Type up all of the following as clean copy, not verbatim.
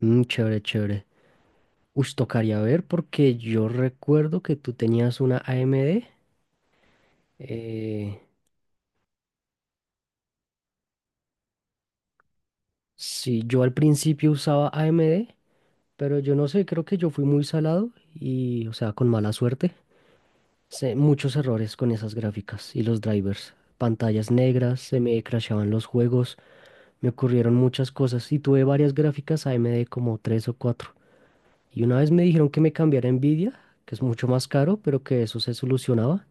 Chévere, chévere. Uy, tocaría ver porque yo recuerdo que tú tenías una AMD. Eh, sí, yo al principio usaba AMD, pero yo no sé, creo que yo fui muy salado y, o sea, con mala suerte. Sé muchos errores con esas gráficas y los drivers. Pantallas negras, se me crashaban los juegos, me ocurrieron muchas cosas y tuve varias gráficas AMD como tres o cuatro. Y una vez me dijeron que me cambiara a Nvidia, que es mucho más caro, pero que eso se solucionaba.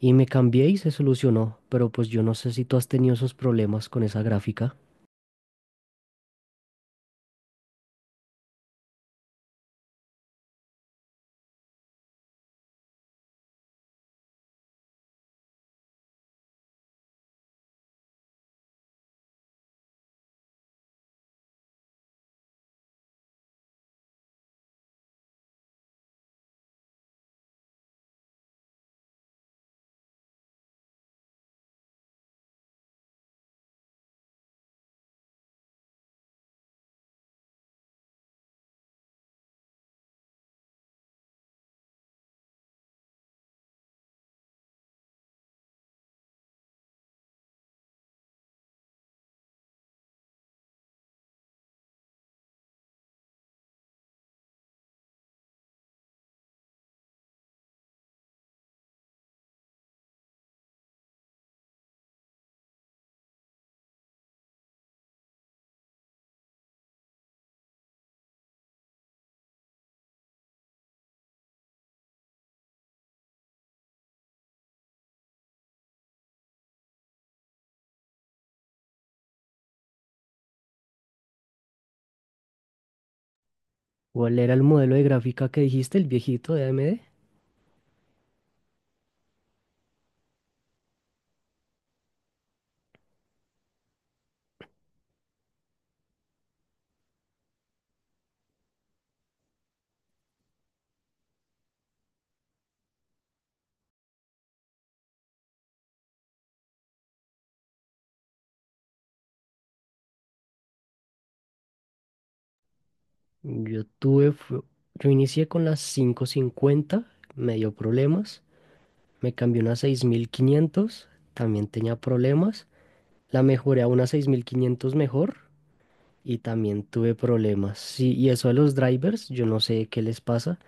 Y me cambié y se solucionó, pero pues yo no sé si tú has tenido esos problemas con esa gráfica. ¿Cuál era el modelo de gráfica que dijiste, el viejito de AMD? Yo tuve, yo inicié con las quinientos cincuenta, me dio problemas. Me cambié una seis mil quinientos, también tenía problemas. La mejoré a una 6500 mejor y también tuve problemas. Sí, y eso de los drivers, yo no sé qué les pasa,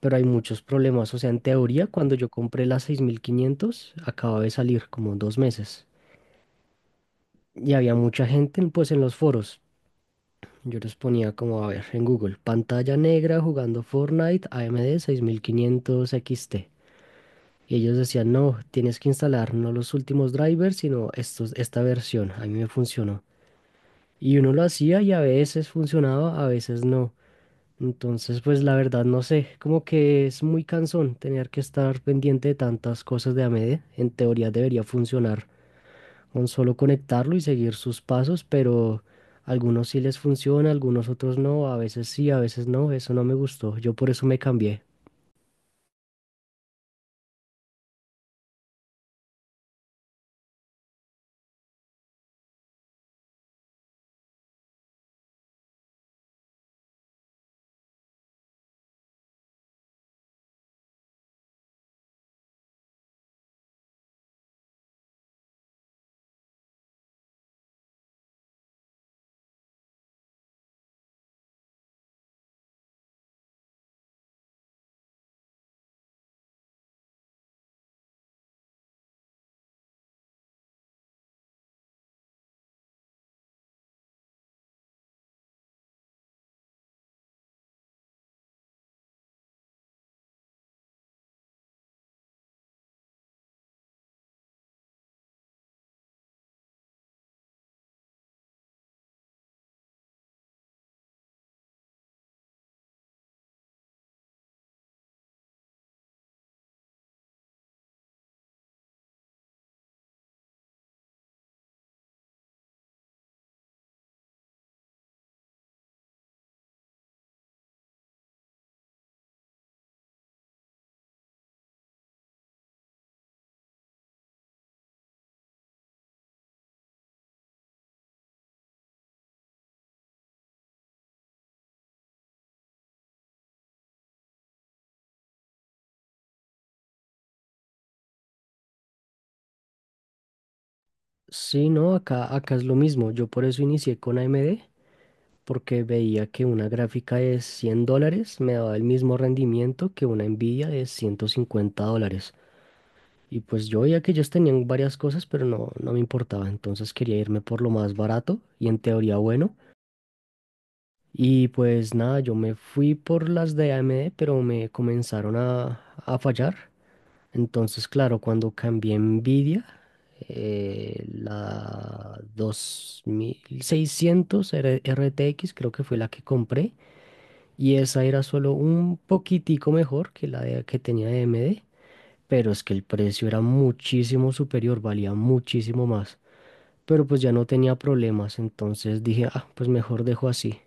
pero hay muchos problemas. O sea, en teoría, cuando yo compré la 6500, acababa de salir como dos meses. Y había mucha gente, pues, en los foros. Yo les ponía como, a ver, en Google, pantalla negra jugando Fortnite AMD 6500 XT. Y ellos decían, no, tienes que instalar no los últimos drivers, sino estos, esta versión. A mí me funcionó. Y uno lo hacía y a veces funcionaba, a veces no. Entonces, pues la verdad no sé, como que es muy cansón tener que estar pendiente de tantas cosas de AMD. En teoría debería funcionar con solo conectarlo y seguir sus pasos, pero algunos sí les funciona, algunos otros no, a veces sí, a veces no, eso no me gustó, yo por eso me cambié. Sí, no, acá es lo mismo, yo por eso inicié con AMD, porque veía que una gráfica de 100 dólares me daba el mismo rendimiento que una Nvidia de 150 dólares. Y pues yo veía que ellos tenían varias cosas, pero no, no me importaba. Entonces quería irme por lo más barato y en teoría bueno. Y pues nada, yo me fui por las de AMD, pero me comenzaron a fallar. Entonces, claro, cuando cambié a Nvidia, la 2600 RTX creo que fue la que compré. Y esa era solo un poquitico mejor que la de- que tenía de AMD, pero es que el precio era muchísimo superior, valía muchísimo más. Pero pues ya no tenía problemas, entonces dije, ah, pues mejor dejo así.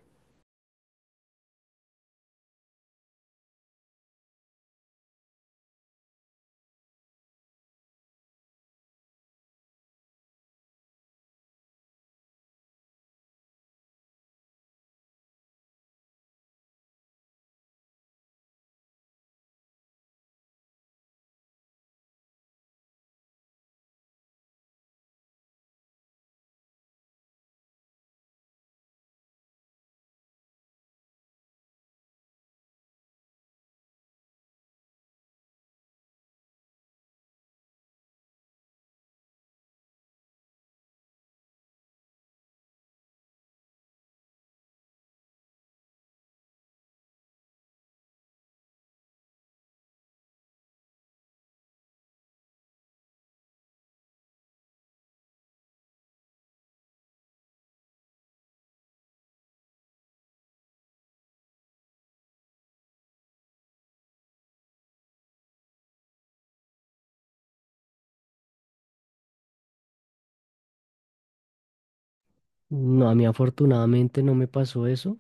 No, a mí afortunadamente no me pasó eso.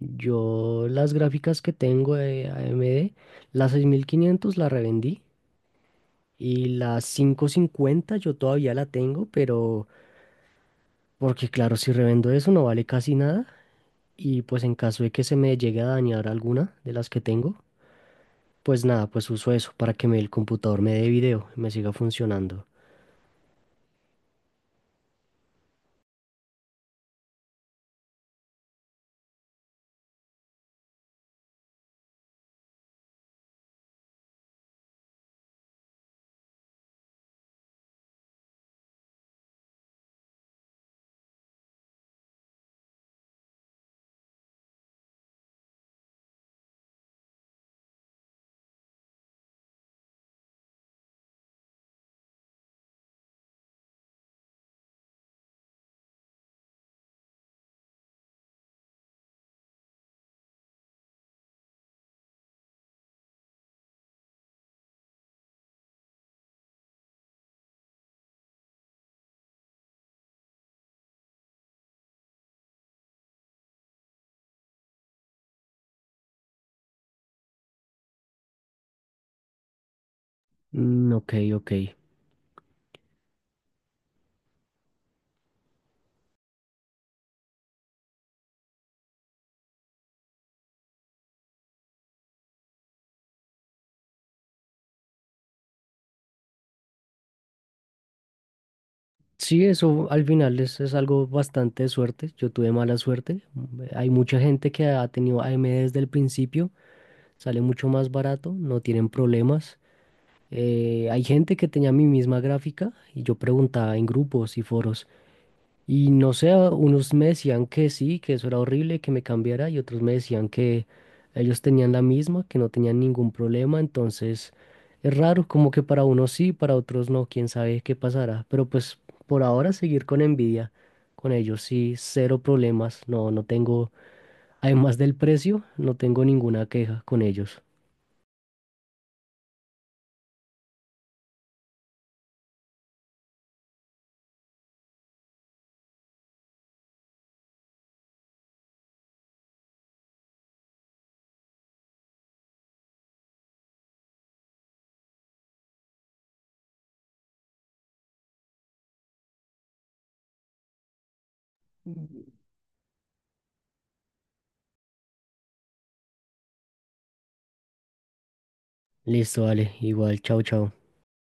Yo las gráficas que tengo de AMD, la 6500 la revendí y la 550 yo todavía la tengo, pero porque claro, si revendo eso no vale casi nada y pues en caso de que se me llegue a dañar alguna de las que tengo, pues nada, pues uso eso para que me, el computador me dé video y me siga funcionando. Mm, ok, ok. Sí, eso al final es algo bastante de suerte. Yo tuve mala suerte. Hay mucha gente que ha tenido AMD desde el principio, sale mucho más barato, no tienen problemas. Hay gente que tenía mi misma gráfica y yo preguntaba en grupos y foros, y no sé, unos me decían que sí, que eso era horrible, que me cambiara, y otros me decían que ellos tenían la misma, que no tenían ningún problema. Entonces, es raro, como que para unos sí, para otros no, quién sabe qué pasará. Pero pues por ahora seguir con envidia, con ellos sí, cero problemas. No, no tengo, además del precio, no tengo ninguna queja con ellos. Listo, vale, igual, chao, chao.